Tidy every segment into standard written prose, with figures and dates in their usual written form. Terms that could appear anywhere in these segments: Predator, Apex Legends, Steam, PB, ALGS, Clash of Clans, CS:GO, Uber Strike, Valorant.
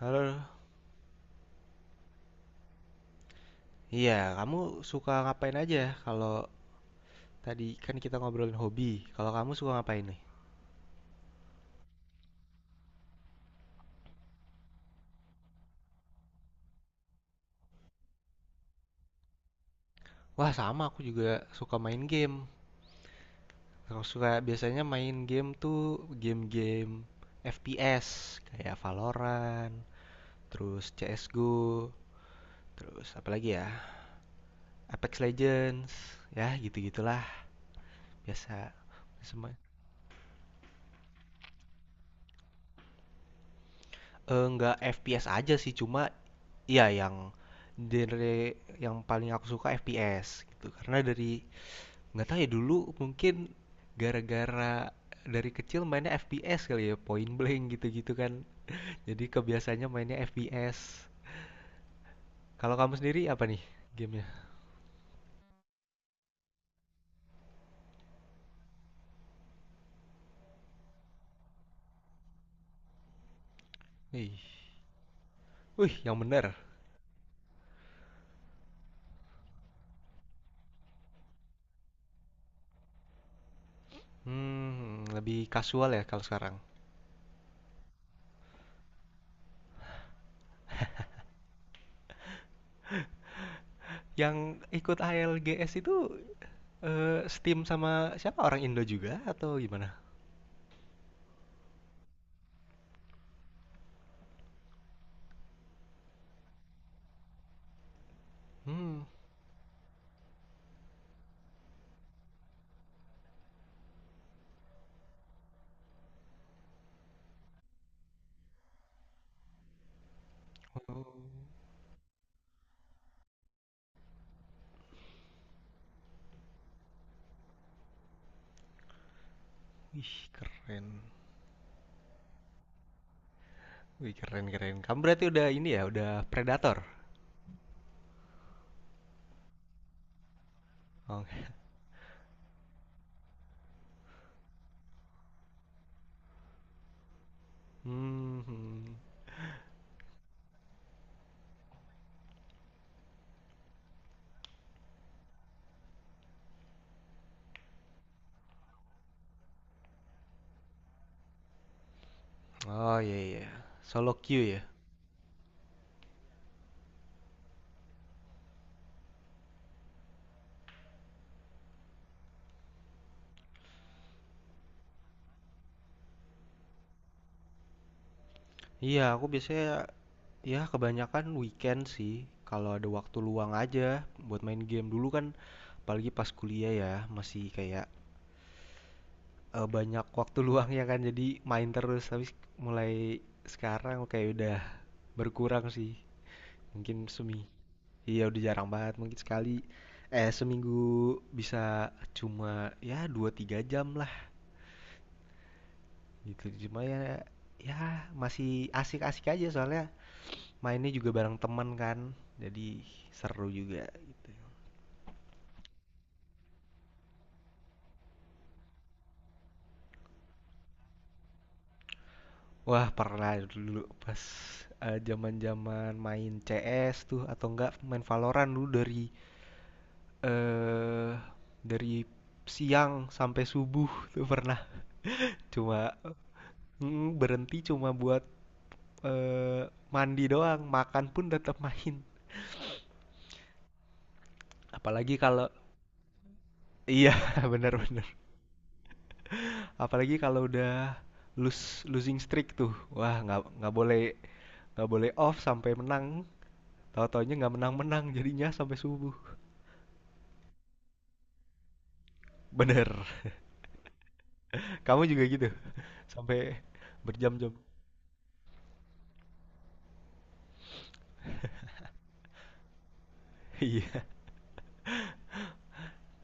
Halo. Iya, kamu suka ngapain aja? Kalau tadi kan kita ngobrolin hobi. Kalau kamu suka ngapain nih? Wah, sama aku juga suka main game. Aku suka biasanya main game tuh game-game FPS kayak Valorant, terus CS:GO, terus apa lagi ya? Apex Legends, ya gitu-gitulah. Biasa semua. Eh, nggak FPS aja sih, cuma iya yang genre yang paling aku suka FPS gitu. Karena dari nggak tahu ya dulu mungkin gara-gara dari kecil mainnya FPS kali ya point blank gitu-gitu kan, jadi kebiasaannya mainnya FPS. Kalau kamu sendiri apa nih gamenya? Wih. Wih, yang bener? Lebih casual ya kalau sekarang. Yang ikut ALGS itu eh, Steam sama siapa, orang Indo juga atau gimana? Hmm. Oh. Wih, keren. Wih, keren keren, kamu berarti udah ini ya, udah Predator? Oh. Hmm. Oh, iya iya. Solo queue ya? Iya, aku biasanya ya kebanyakan weekend sih. Kalau ada waktu luang aja buat main game dulu kan, apalagi pas kuliah ya masih kayak banyak waktu luang ya kan, jadi main terus. Tapi mulai sekarang kayak udah berkurang sih. Mungkin semi. Iya, udah jarang banget, mungkin sekali eh seminggu bisa cuma ya 2 3 jam lah gitu. Cuma ya ya masih asik-asik aja, soalnya mainnya juga bareng teman kan, jadi seru juga. Wah, pernah dulu pas zaman zaman main CS tuh, atau enggak main Valorant dulu, eh dari siang sampai subuh tuh pernah. Cuma berhenti cuma buat eh, mandi doang, makan pun tetap main. Apalagi kalau iya, benar-benar. Apalagi kalau udah losing streak tuh, wah nggak boleh, nggak boleh off sampai menang. Tahu-tahunya nggak menang-menang jadinya sampai subuh. Bener. Kamu juga gitu? Sampai berjam-jam. Iya.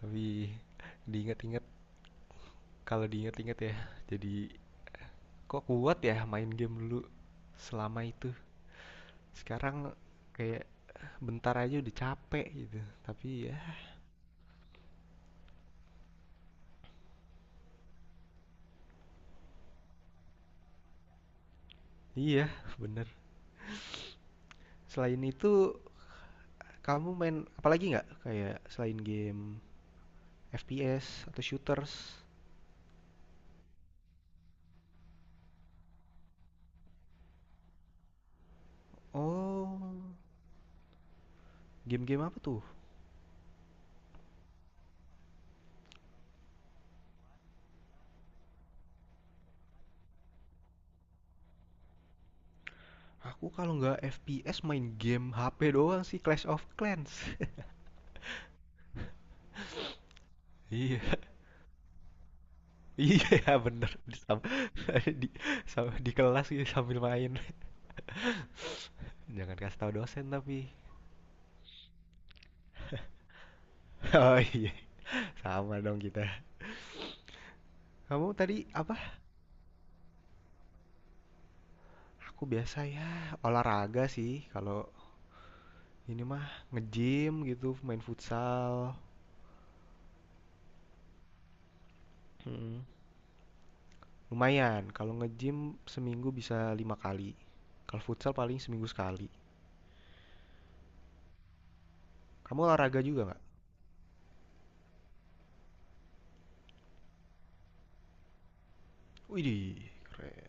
Tapi diingat-ingat, kalau diingat-ingat ya, jadi kok kuat ya main game dulu selama itu. Sekarang kayak bentar aja udah capek gitu. Tapi ya, iya, bener. Selain itu, kamu main apalagi nggak? Kayak selain game FPS atau shooters? Oh, game-game apa tuh? Aku kalau nggak FPS main game HP doang sih, Clash of Clans. Iya, iya bener. Di, di kelas gitu sambil main. Jangan kasih tahu dosen tapi. Oh iya, sama dong kita. Kamu tadi apa? Aku biasa ya olahraga sih. Kalau ini mah nge-gym gitu, main futsal. Mm-mm. Lumayan. Kalau nge-gym seminggu bisa 5 kali. Kalau futsal paling seminggu sekali. Kamu olahraga juga nggak? Widih, keren.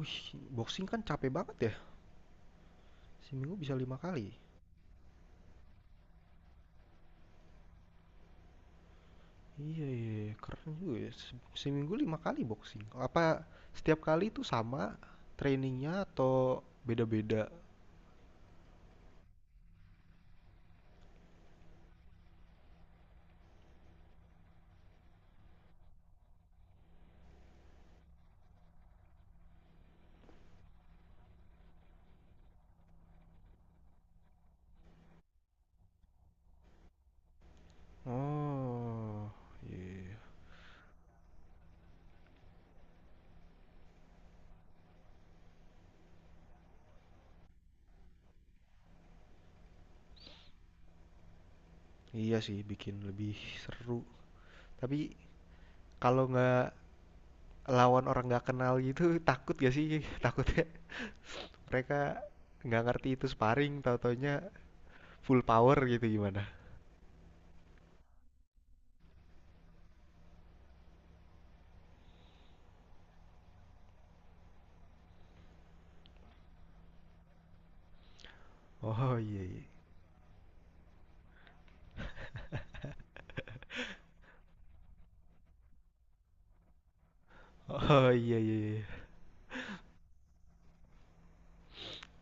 Wih, boxing kan capek banget ya. Seminggu bisa lima kali. Iya, iya, iya. Keren juga ya. Seminggu 5 kali boxing. Apa setiap kali itu sama trainingnya atau beda-beda? Oh, iya. Iya sih, bikin lebih seru. Tapi kalau nggak lawan orang nggak kenal gitu, takut gak sih? Takutnya mereka nggak ngerti itu sparring, tau-taunya full power gitu, gimana? Oh iya, iya. Oh iya, iya, iya.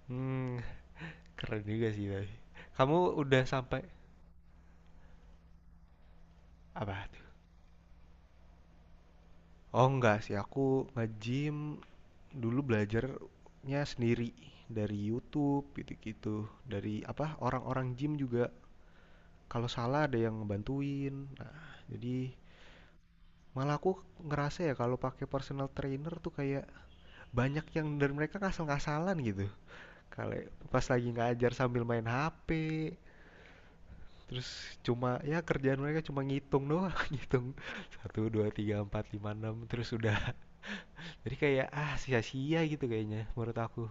Hmm, keren juga sih tapi. Kamu udah sampai apa tuh? Oh enggak sih, aku nge-gym dulu belajarnya sendiri dari YouTube gitu-gitu, dari apa orang-orang gym juga. Kalau salah ada yang ngebantuin. Nah, jadi malah aku ngerasa ya kalau pakai personal trainer tuh kayak banyak yang dari mereka ngasal-ngasalan gitu. Kalau pas lagi ngajar sambil main HP, terus cuma ya kerjaan mereka cuma ngitung doang, ngitung satu 2 3 4 5 6 terus udah. Jadi kayak ah sia-sia gitu kayaknya menurut aku.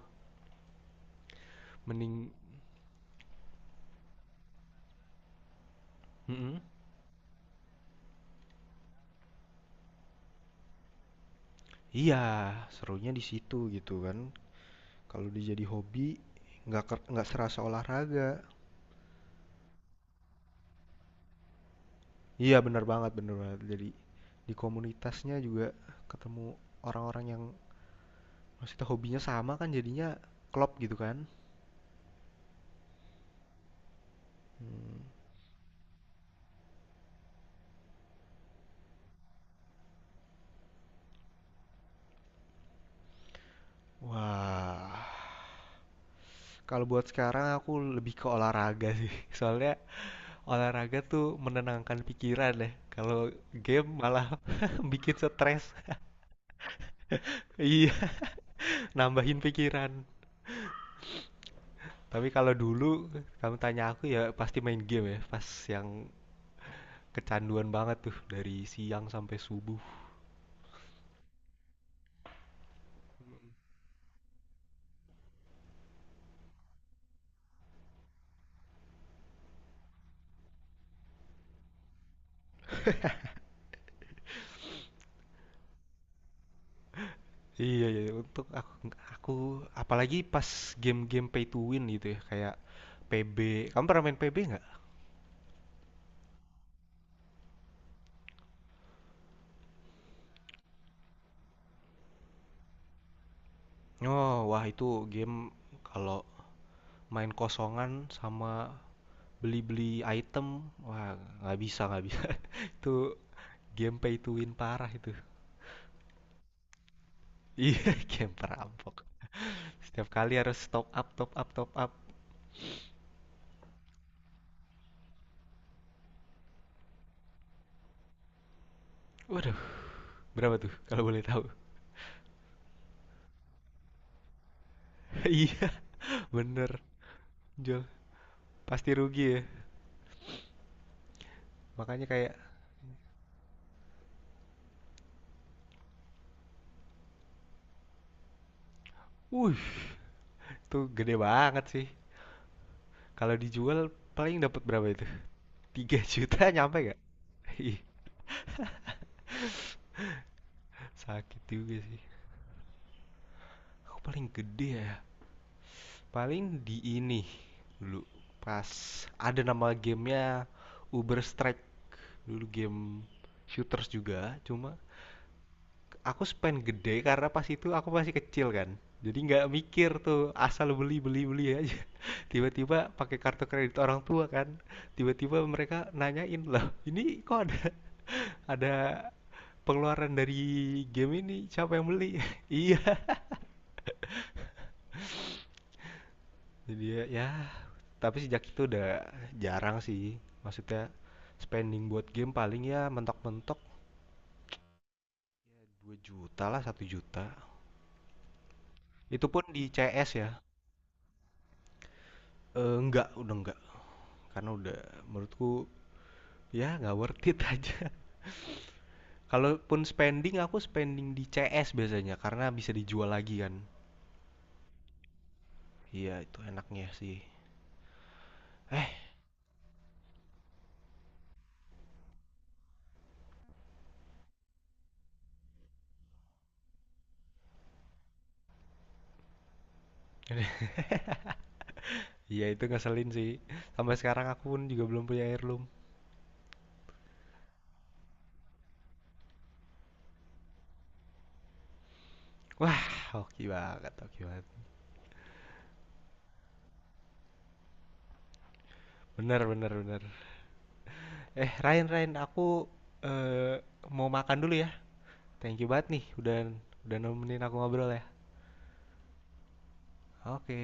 Mending. Mhm. Iya, serunya di situ gitu kan. Kalau dia jadi hobi nggak serasa olahraga. Iya benar banget benar banget. Jadi di komunitasnya juga ketemu orang-orang yang maksudnya hobinya sama kan, jadinya klop gitu kan. Hmm. Wah. Kalau buat sekarang aku lebih ke olahraga sih. Soalnya olahraga tuh menenangkan pikiran ya. Kalau game malah bikin stres. Iya, nambahin pikiran. Tapi kalau dulu kamu tanya aku ya pasti main game ya. Pas yang kecanduan banget tuh dari siang sampai subuh. Iya, iya. Untuk aku, apalagi pas game-game pay to win gitu ya. Kayak PB. Kamu pernah main PB nggak? Oh, wah itu game kalau main kosongan sama beli-beli item, wah nggak bisa nggak bisa. Itu game pay to win parah itu. Iya, game perampok. Setiap kali harus top up top up top up. Waduh, berapa tuh, kalau boleh tahu? Iya bener, jual pasti rugi ya, makanya kayak. Wuh, itu gede banget sih. Kalau dijual paling dapat berapa itu? 3 juta nyampe gak? Ih, sakit juga sih. Aku paling gede ya, paling di ini, dulu pas ada nama gamenya Uber Strike, dulu game shooters juga, cuma aku spend gede karena pas itu aku masih kecil kan, jadi nggak mikir tuh, asal beli beli beli aja. Tiba-tiba pakai kartu kredit orang tua kan, tiba-tiba mereka nanyain, loh ini kok ada ada pengeluaran dari game ini, siapa yang beli? Iya, jadi ya, ya, tapi sejak itu udah jarang sih. Maksudnya spending buat game paling ya mentok-mentok 2 juta lah, 1 juta. Itu pun di CS ya. Eh, enggak, udah enggak. Karena udah menurutku ya nggak worth it aja. Kalaupun spending aku spending di CS biasanya karena bisa dijual lagi kan. Iya, itu enaknya sih. Eh, iya itu ngeselin sih. Sampai sekarang aku pun juga belum punya heirloom. Wah, oke banget, oke banget. Bener, bener, bener. Eh, Ryan, Ryan, aku eh, mau makan dulu ya. Thank you banget nih, udah nemenin aku ngobrol ya. Oke.